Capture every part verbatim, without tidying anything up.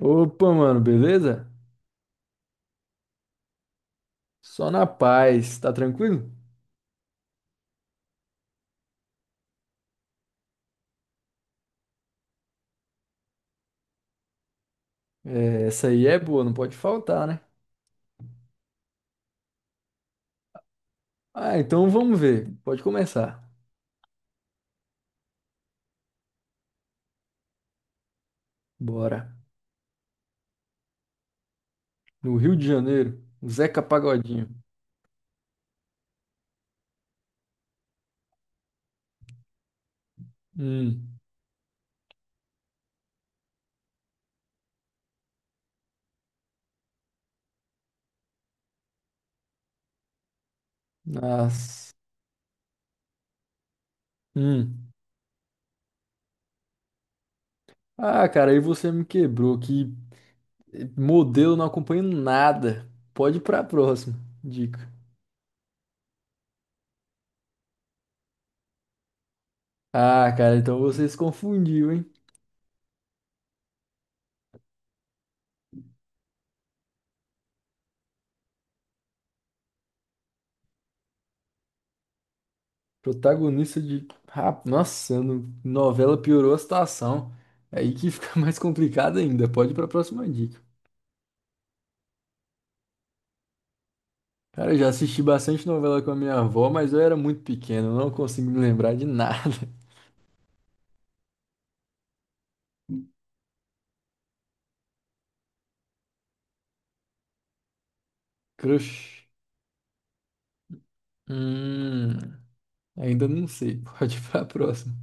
Opa, mano, beleza? Só na paz, tá tranquilo? É, essa aí é boa, não pode faltar, né? Ah, então vamos ver. Pode começar. Bora. No Rio de Janeiro, o Zeca Pagodinho. Hum, Nossa. Hum. Ah, cara, aí você me quebrou. Que modelo não acompanho nada. Pode ir pra próxima. Dica. Ah, cara, então você se confundiu, hein? Protagonista de. Ah, nossa, no- novela piorou a situação. É. Aí que fica mais complicado ainda. Pode ir pra próxima dica. Cara, eu já assisti bastante novela com a minha avó, mas eu era muito pequeno, não consigo me lembrar de nada. Crush. Hum, Ainda não sei. Pode ir pra próxima.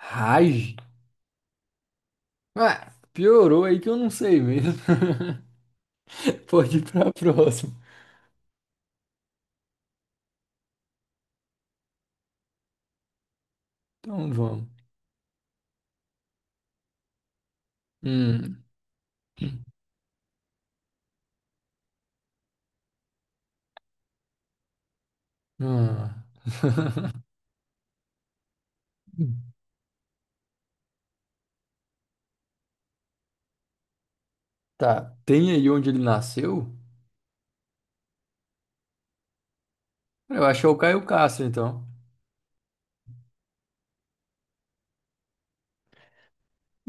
Rage. Ah, piorou aí que eu não sei mesmo. Pode ir pra próxima. Então vamos. Hum, ah. Hum. Tá. Tem aí onde ele nasceu? Eu acho é o Caio Castro, então.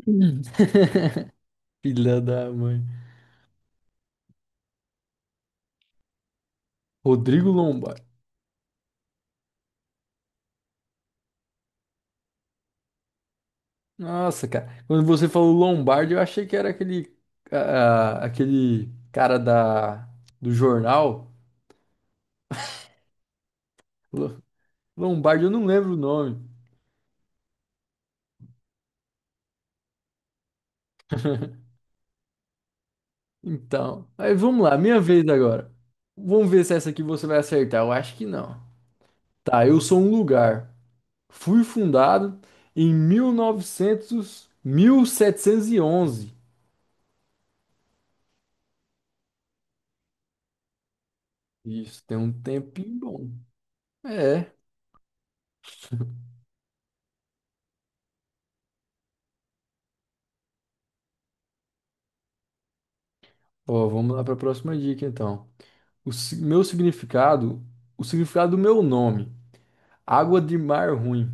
Hum. Filha da mãe. Rodrigo Lombardi. Nossa, cara. Quando você falou Lombardi, eu achei que era aquele, ah, aquele cara da, do jornal. Lo- Lombardi, eu não lembro o nome. Então, aí vamos lá, minha vez agora. Vamos ver se essa aqui você vai acertar. Eu acho que não. Tá, eu sou um lugar. Fui fundado em mil mil novecentos mil setecentos e onze. Isso, tem um tempinho bom. É, ó, vamos lá para a próxima dica então. O si- meu significado, o significado do meu nome, água de mar ruim.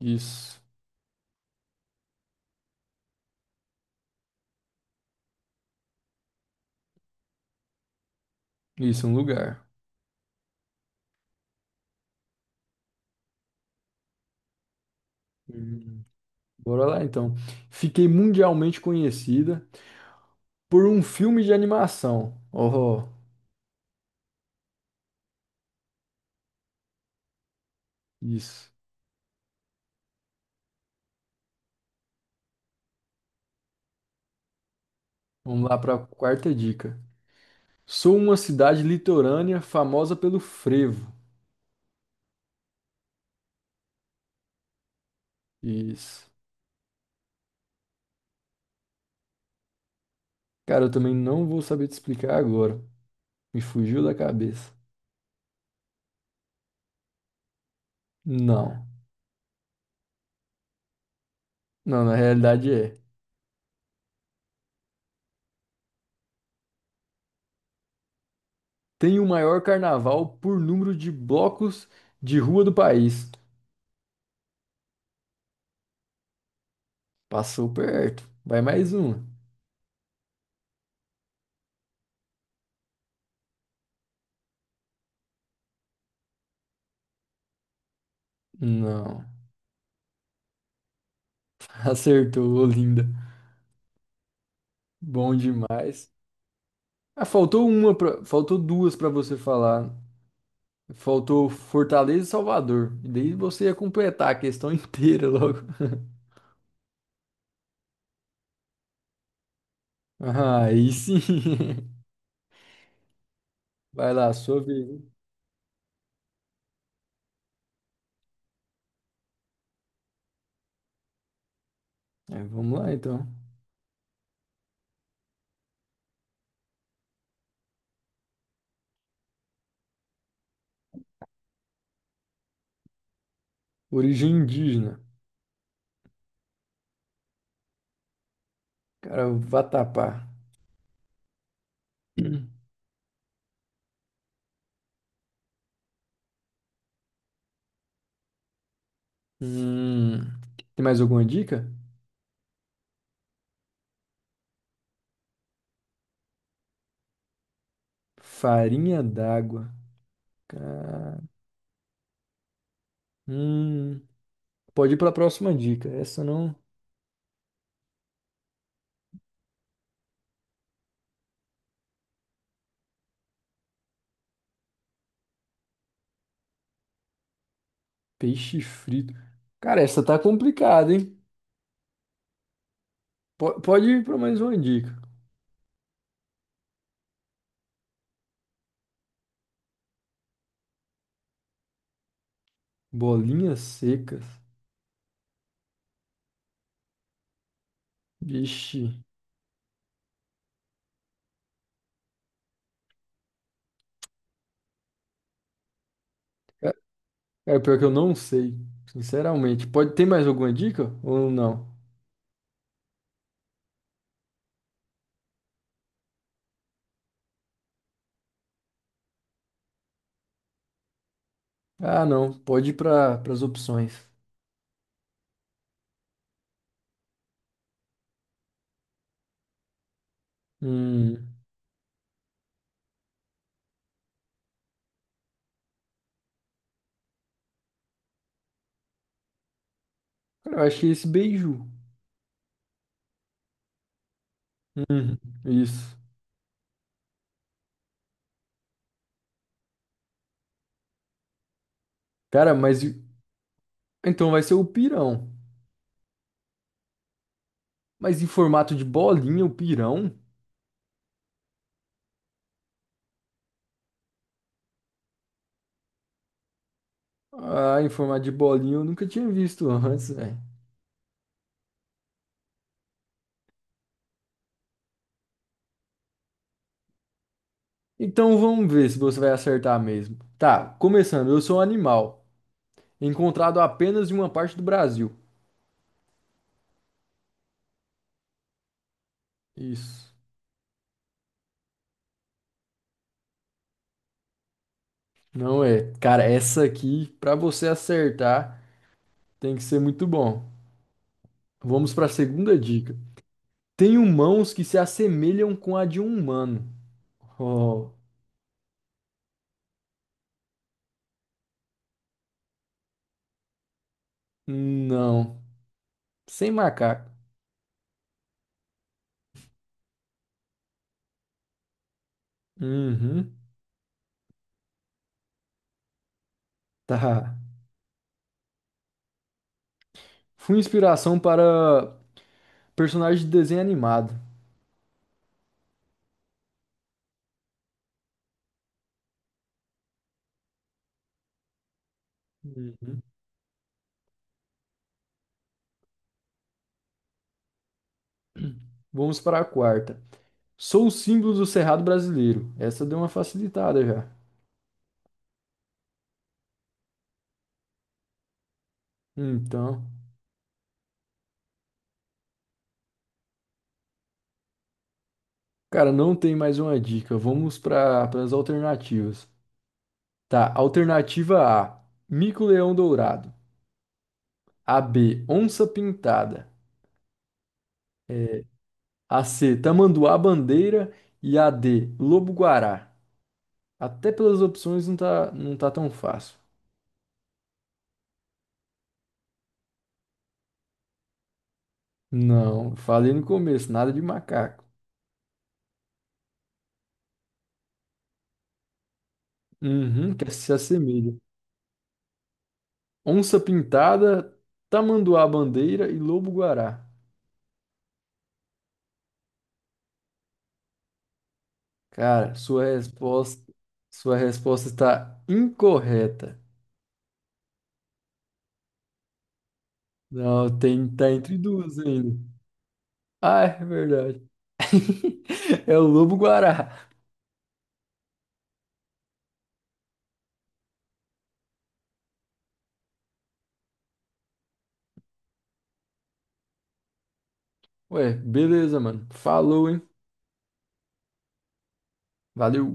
Isso, isso, é um lugar. Hum, Bora lá então. Fiquei mundialmente conhecida por um filme de animação. Oh, isso. Vamos lá para a quarta dica. Sou uma cidade litorânea famosa pelo frevo. Isso. Cara, eu também não vou saber te explicar agora. Me fugiu da cabeça. Não. Não, na realidade é. Tem o maior carnaval por número de blocos de rua do país. Passou perto. Vai mais uma. Não. Acertou, linda. Bom demais. Ah, faltou uma pra... faltou duas para você falar. Faltou Fortaleza e Salvador. E daí você ia completar a questão inteira logo. Ah, aí sim. Vai lá, sua vez, hein? É, vamos lá então. Origem indígena. Cara, o Vatapá. Hum, Tem mais alguma dica? Farinha d'água. Ca- Hum, Pode ir para a próxima dica. Essa não. Peixe frito. Cara, essa tá complicada, hein? Po- pode ir para mais uma dica. Bolinhas secas. Vixe. É, é, pior que eu não sei, sinceramente. Pode ter mais alguma dica ou não? Ah, não. Pode ir para as opções. Hum, Cara, eu achei esse beiju. Uhum, isso. Cara, mas e- então vai ser o pirão. Mas em formato de bolinha, o pirão? Ah, em forma de bolinho, eu nunca tinha visto antes, velho. Então vamos ver se você vai acertar mesmo. Tá, começando. Eu sou um animal, encontrado apenas em uma parte do Brasil. Isso. Não é. Cara, essa aqui, pra você acertar, tem que ser muito bom. Vamos pra segunda dica. Tenho mãos que se assemelham com a de um humano. Oh, não. Sem macaco. Uhum. Tá. Fui inspiração para personagem de desenho animado. Uhum. Vamos para a quarta. Sou o símbolo do Cerrado brasileiro. Essa deu uma facilitada já. Então, cara, não tem mais uma dica. Vamos para as alternativas. Tá, alternativa A, mico-leão dourado. A B, onça pintada. A C, tamanduá bandeira e a D, lobo-guará. Até pelas opções não tá, não tá tão fácil. Não, falei no começo, nada de macaco. Uhum, que se assemelha. Onça pintada, tamanduá bandeira e lobo guará. Cara, sua resposta, sua resposta está incorreta. Não, tem, tá entre duas ainda. Ah, é verdade. É o lobo guará. Ué, beleza, mano. Falou, hein? Valeu.